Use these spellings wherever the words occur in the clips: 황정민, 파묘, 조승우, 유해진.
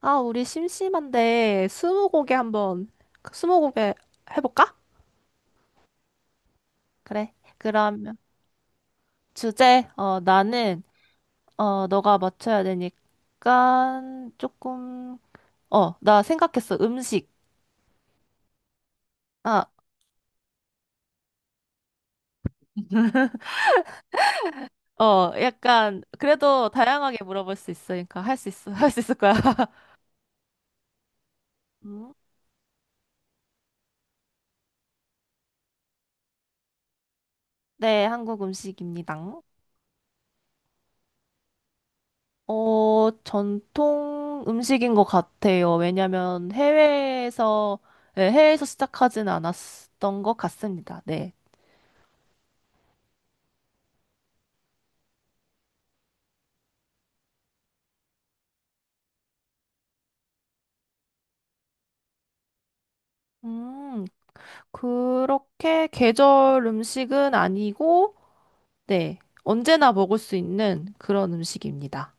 아, 우리 심심한데 스무고개 한번, 그 스무고개 해볼까? 그래. 그러면 주제, 나는, 너가 맞춰야 되니까, 조금, 나 생각했어. 음식. 아, 약간, 그래도 다양하게 물어볼 수 있으니까 할 수 있어. 할 수 있을 거야. 음, 네, 한국 음식입니다. 전통 음식인 것 같아요. 왜냐면 해외에서, 네, 해외에서 시작하진 않았던 것 같습니다. 네. 음, 그렇게 계절 음식은 아니고, 네. 언제나 먹을 수 있는 그런 음식입니다.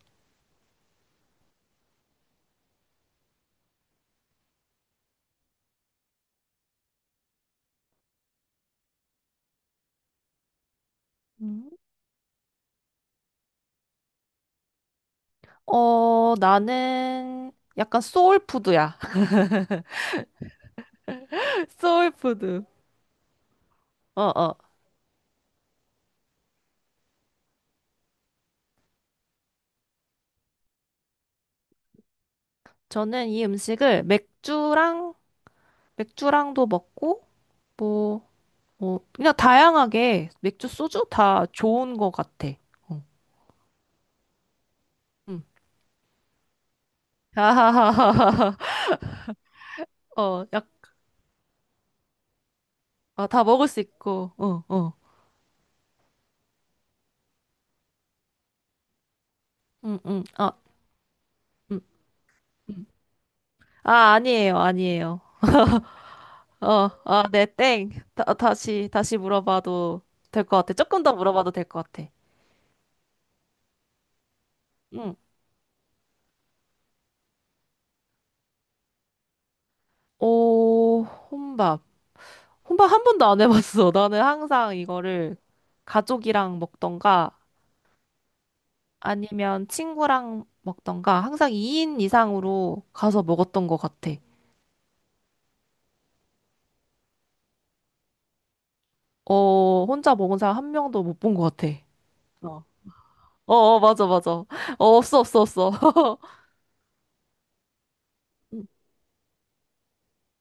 음. 나는 약간 소울푸드야. 소울푸드. 어, 어. 저는 이 음식을 맥주랑도 먹고, 뭐, 그냥 다양하게 맥주, 소주 다 좋은 것 같아. 어, 음. 어, 약, 아, 다 먹을 수 있고. 어, 어. 아, 음. 아, 아니에요, 아니에요. 어, 아, 네, 땡. 다시 물어봐도 될 것 같아. 조금 더 물어봐도 될 것 같아. 응. 오, 혼밥. 혼밥 한 번도 안 해봤어. 나는 항상 이거를 가족이랑 먹던가 아니면 친구랑 먹던가 항상 2인 이상으로 가서 먹었던 것 같아. 어, 혼자 먹은 사람 한 명도 못 본 것 같아. 어, 맞아, 맞아. 없어, 없어, 없어. 음,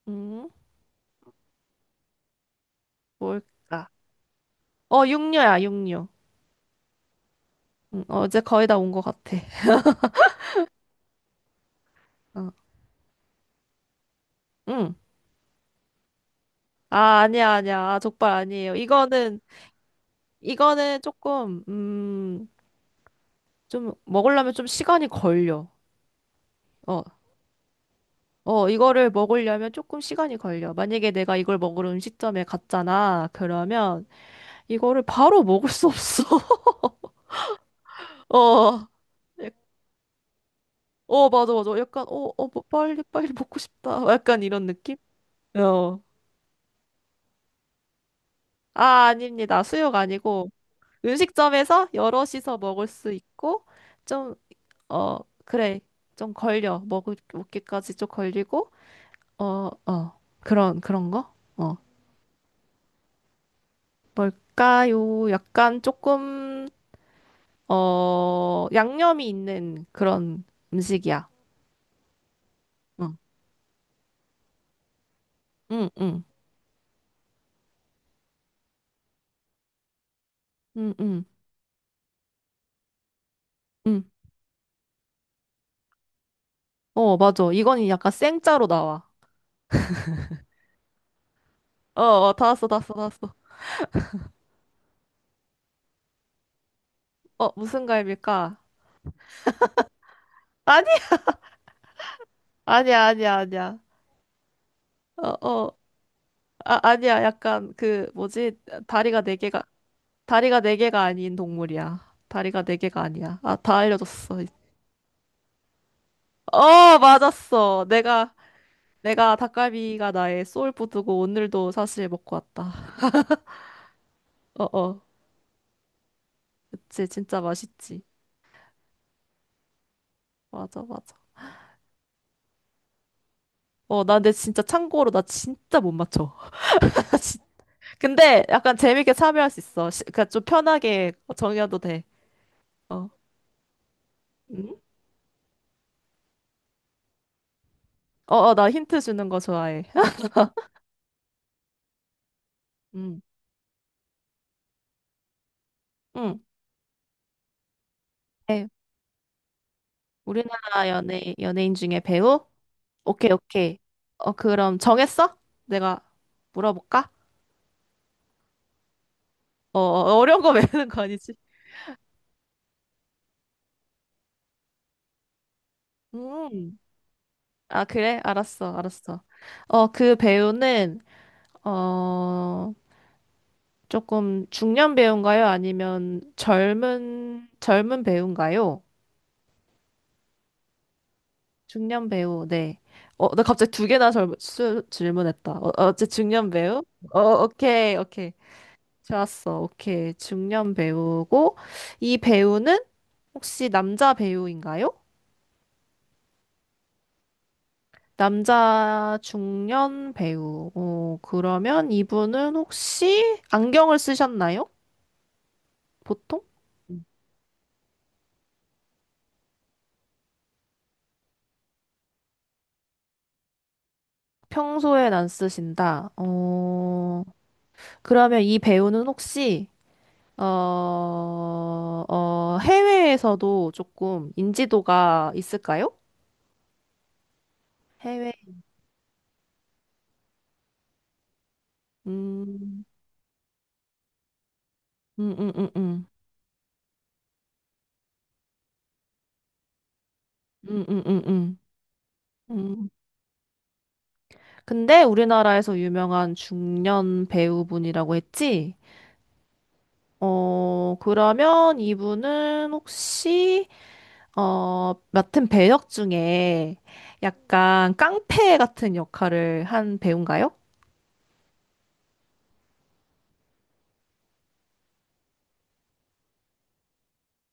음, 뭘까? 어, 육류야, 육류. 이제 거의 다 온 것 같아. 어, 음. 아, 아니야, 아니야. 아, 족발 아니에요. 이거는 조금, 좀, 먹으려면 좀 시간이 걸려. 어, 이거를 먹으려면 조금 시간이 걸려. 만약에 내가 이걸 먹으러 음식점에 갔잖아. 그러면 이거를 바로 먹을 수 없어. 어, 예, 맞아, 맞아. 약간, 뭐, 빨리, 빨리 먹고 싶다. 약간 이런 느낌? 어. 아, 아닙니다. 수육 아니고. 음식점에서 여럿이서 먹을 수 있고, 좀, 어, 그래. 좀 걸려. 먹기까지 좀 걸리고, 어, 어. 그런 거? 어. 뭘까요? 약간 조금, 양념이 있는 그런 음식이야. 응, 응, 응, 응, 응, 응. 어, 맞아. 이건 약간 생짜로 나와. 어, 어, 다 왔어, 다 왔어, 다 왔어. 어, 무슨 과일일까? 아니, 아니야, 아니야, 아니야. 어, 어, 아, 아니야. 약간 그, 뭐지? 다리가 네 개가, 다리가 네 개가 아닌 동물이야. 다리가 네 개가 아니야. 아, 다 알려줬어. 맞았어. 내가 닭갈비가 나의 소울푸드고 오늘도 사실 먹고 왔다. 어, 어. 그치, 진짜 맛있지. 맞아, 맞아. 어, 나 근데 진짜 참고로 나 진짜 못 맞춰. 진- 근데 약간 재밌게 참여할 수 있어. 그러니까 좀 편하게 정해도 돼. 어, 응? 나 힌트 주는 거 좋아해. 응, 응. 네. 연예인 중에 배우? 오케이, 오케이. 어, 그럼 정했어? 내가 물어볼까? 어려운 거 외우는 거 아니지? 음. 아, 그래? 알았어, 알았어. 그 배우는, 어, 조금 중년 배우인가요? 아니면 젊은 배우인가요? 중년 배우, 네. 어, 나 갑자기 두 개나 질문했다. 어, 어째 중년 배우? 오케이, 오케이. 좋았어, 오케이. 중년 배우고, 이 배우는 혹시 남자 배우인가요? 남자 중년 배우. 어, 그러면 이분은 혹시 안경을 쓰셨나요? 보통? 평소엔 안 쓰신다. 어, 그러면 이 배우는 혹시, 해외에서도 조금 인지도가 있을까요? 해외, 음, 음, 음, 음, 음, 음. 음. 근데 우리나라에서 유명한 중년 배우분이라고 했지? 어, 그러면 이분은 혹시, 어, 맡은 배역 중에 약간 깡패 같은 역할을 한 배우인가요?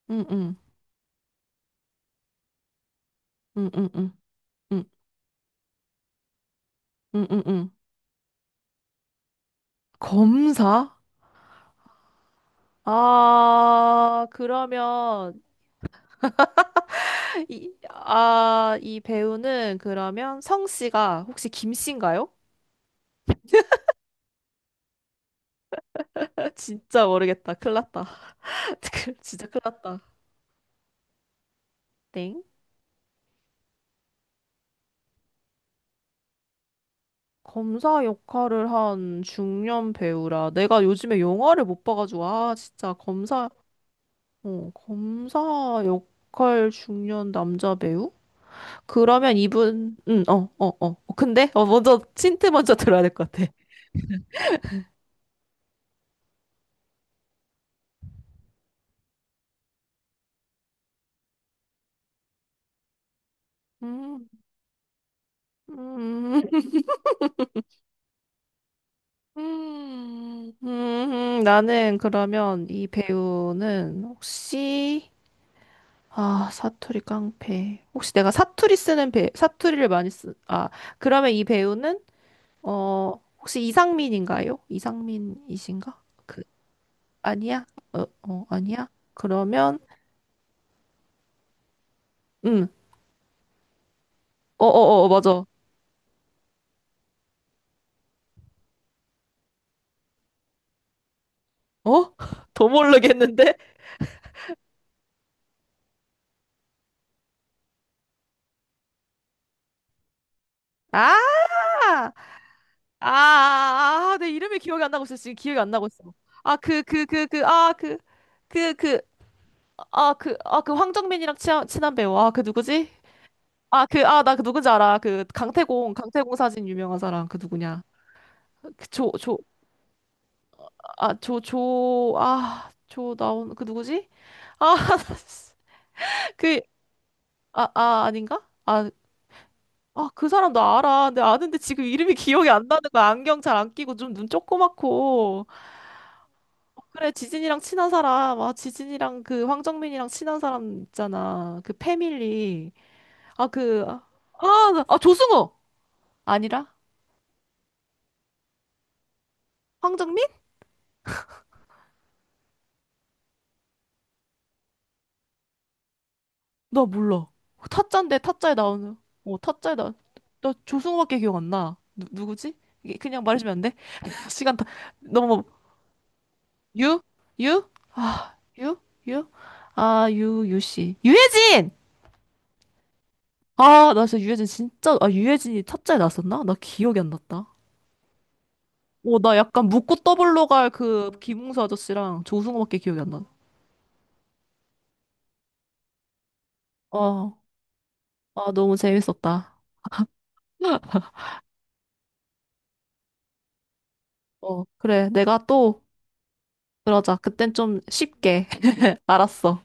응응응응응 응응응 검사? 아, 그러면, 이 배우는 그러면 성씨가 혹시 김씨인가요? 진짜 모르겠다. 큰일 났다. 진짜 큰일 났다. 땡. 검사 역할을 한 중년 배우라. 내가 요즘에 영화를 못 봐가지고, 진짜 검사, 어, 검사 역할 중년 남자 배우? 그러면 이분, 응, 어, 어, 어. 근데? 힌트 먼저 들어야 될 것 같아. 음, 음. 나는 그러면 이 배우는 혹시, 아, 사투리 깡패. 혹시 내가 사투리를 많이 쓰, 아, 그러면 이 배우는, 어, 혹시 이상민인가요? 이상민이신가? 그, 아니야? 어, 어, 아니야? 그러면, 음, 어, 어, 어, 어, 맞아. 어? 더 모르겠는데? 아! 아, 아, 아, 내 이름이 기억이 안 나고 있어. 지금 기억이 안 나고 있어. 아, 그, 그, 그, 그, 아, 그. 그그 아, 그, 아, 그 황정민이랑 친한 배우. 아, 그 누구지? 아, 그, 아, 나 그 누군지 알아. 강태공 사진 유명한 사람. 그 누구냐. 그 조, 조, 조 나온, 그 누구지? 아, 그, 아, 아, 아닌가? 아, 아, 그 사람 나 알아. 근데 아는데 지금 이름이 기억이 안 나는 거야. 안경 잘 안 끼고 좀 눈 조그맣고. 그래, 지진이랑 친한 사람. 아, 지진이랑 그 황정민이랑 친한 사람 있잖아. 그 패밀리. 아, 그, 아, 아, 조승우! 아니라? 황정민? 나 몰라. 타짜인데 타짜에 나오는. 어, 타짜에 나. 나 조승우밖에 기억 안 나. 누, 누구지? 이게 그냥 말해주면 안 돼? 시간 다 너무 유? 유? 유? 유 씨. 유해진! 아, 나 진짜 유해진 진짜 아, 유해진이 타짜에 나왔었나? 나 기억이 안 났다. 오 나 약간 묻고 떠블로 갈 그 김웅수 아저씨랑 조승우밖에 기억이 안 나. 어. 아, 너무 재밌었다. 어, 그래. 내가 또 그러자. 그땐 좀 쉽게. 알았어.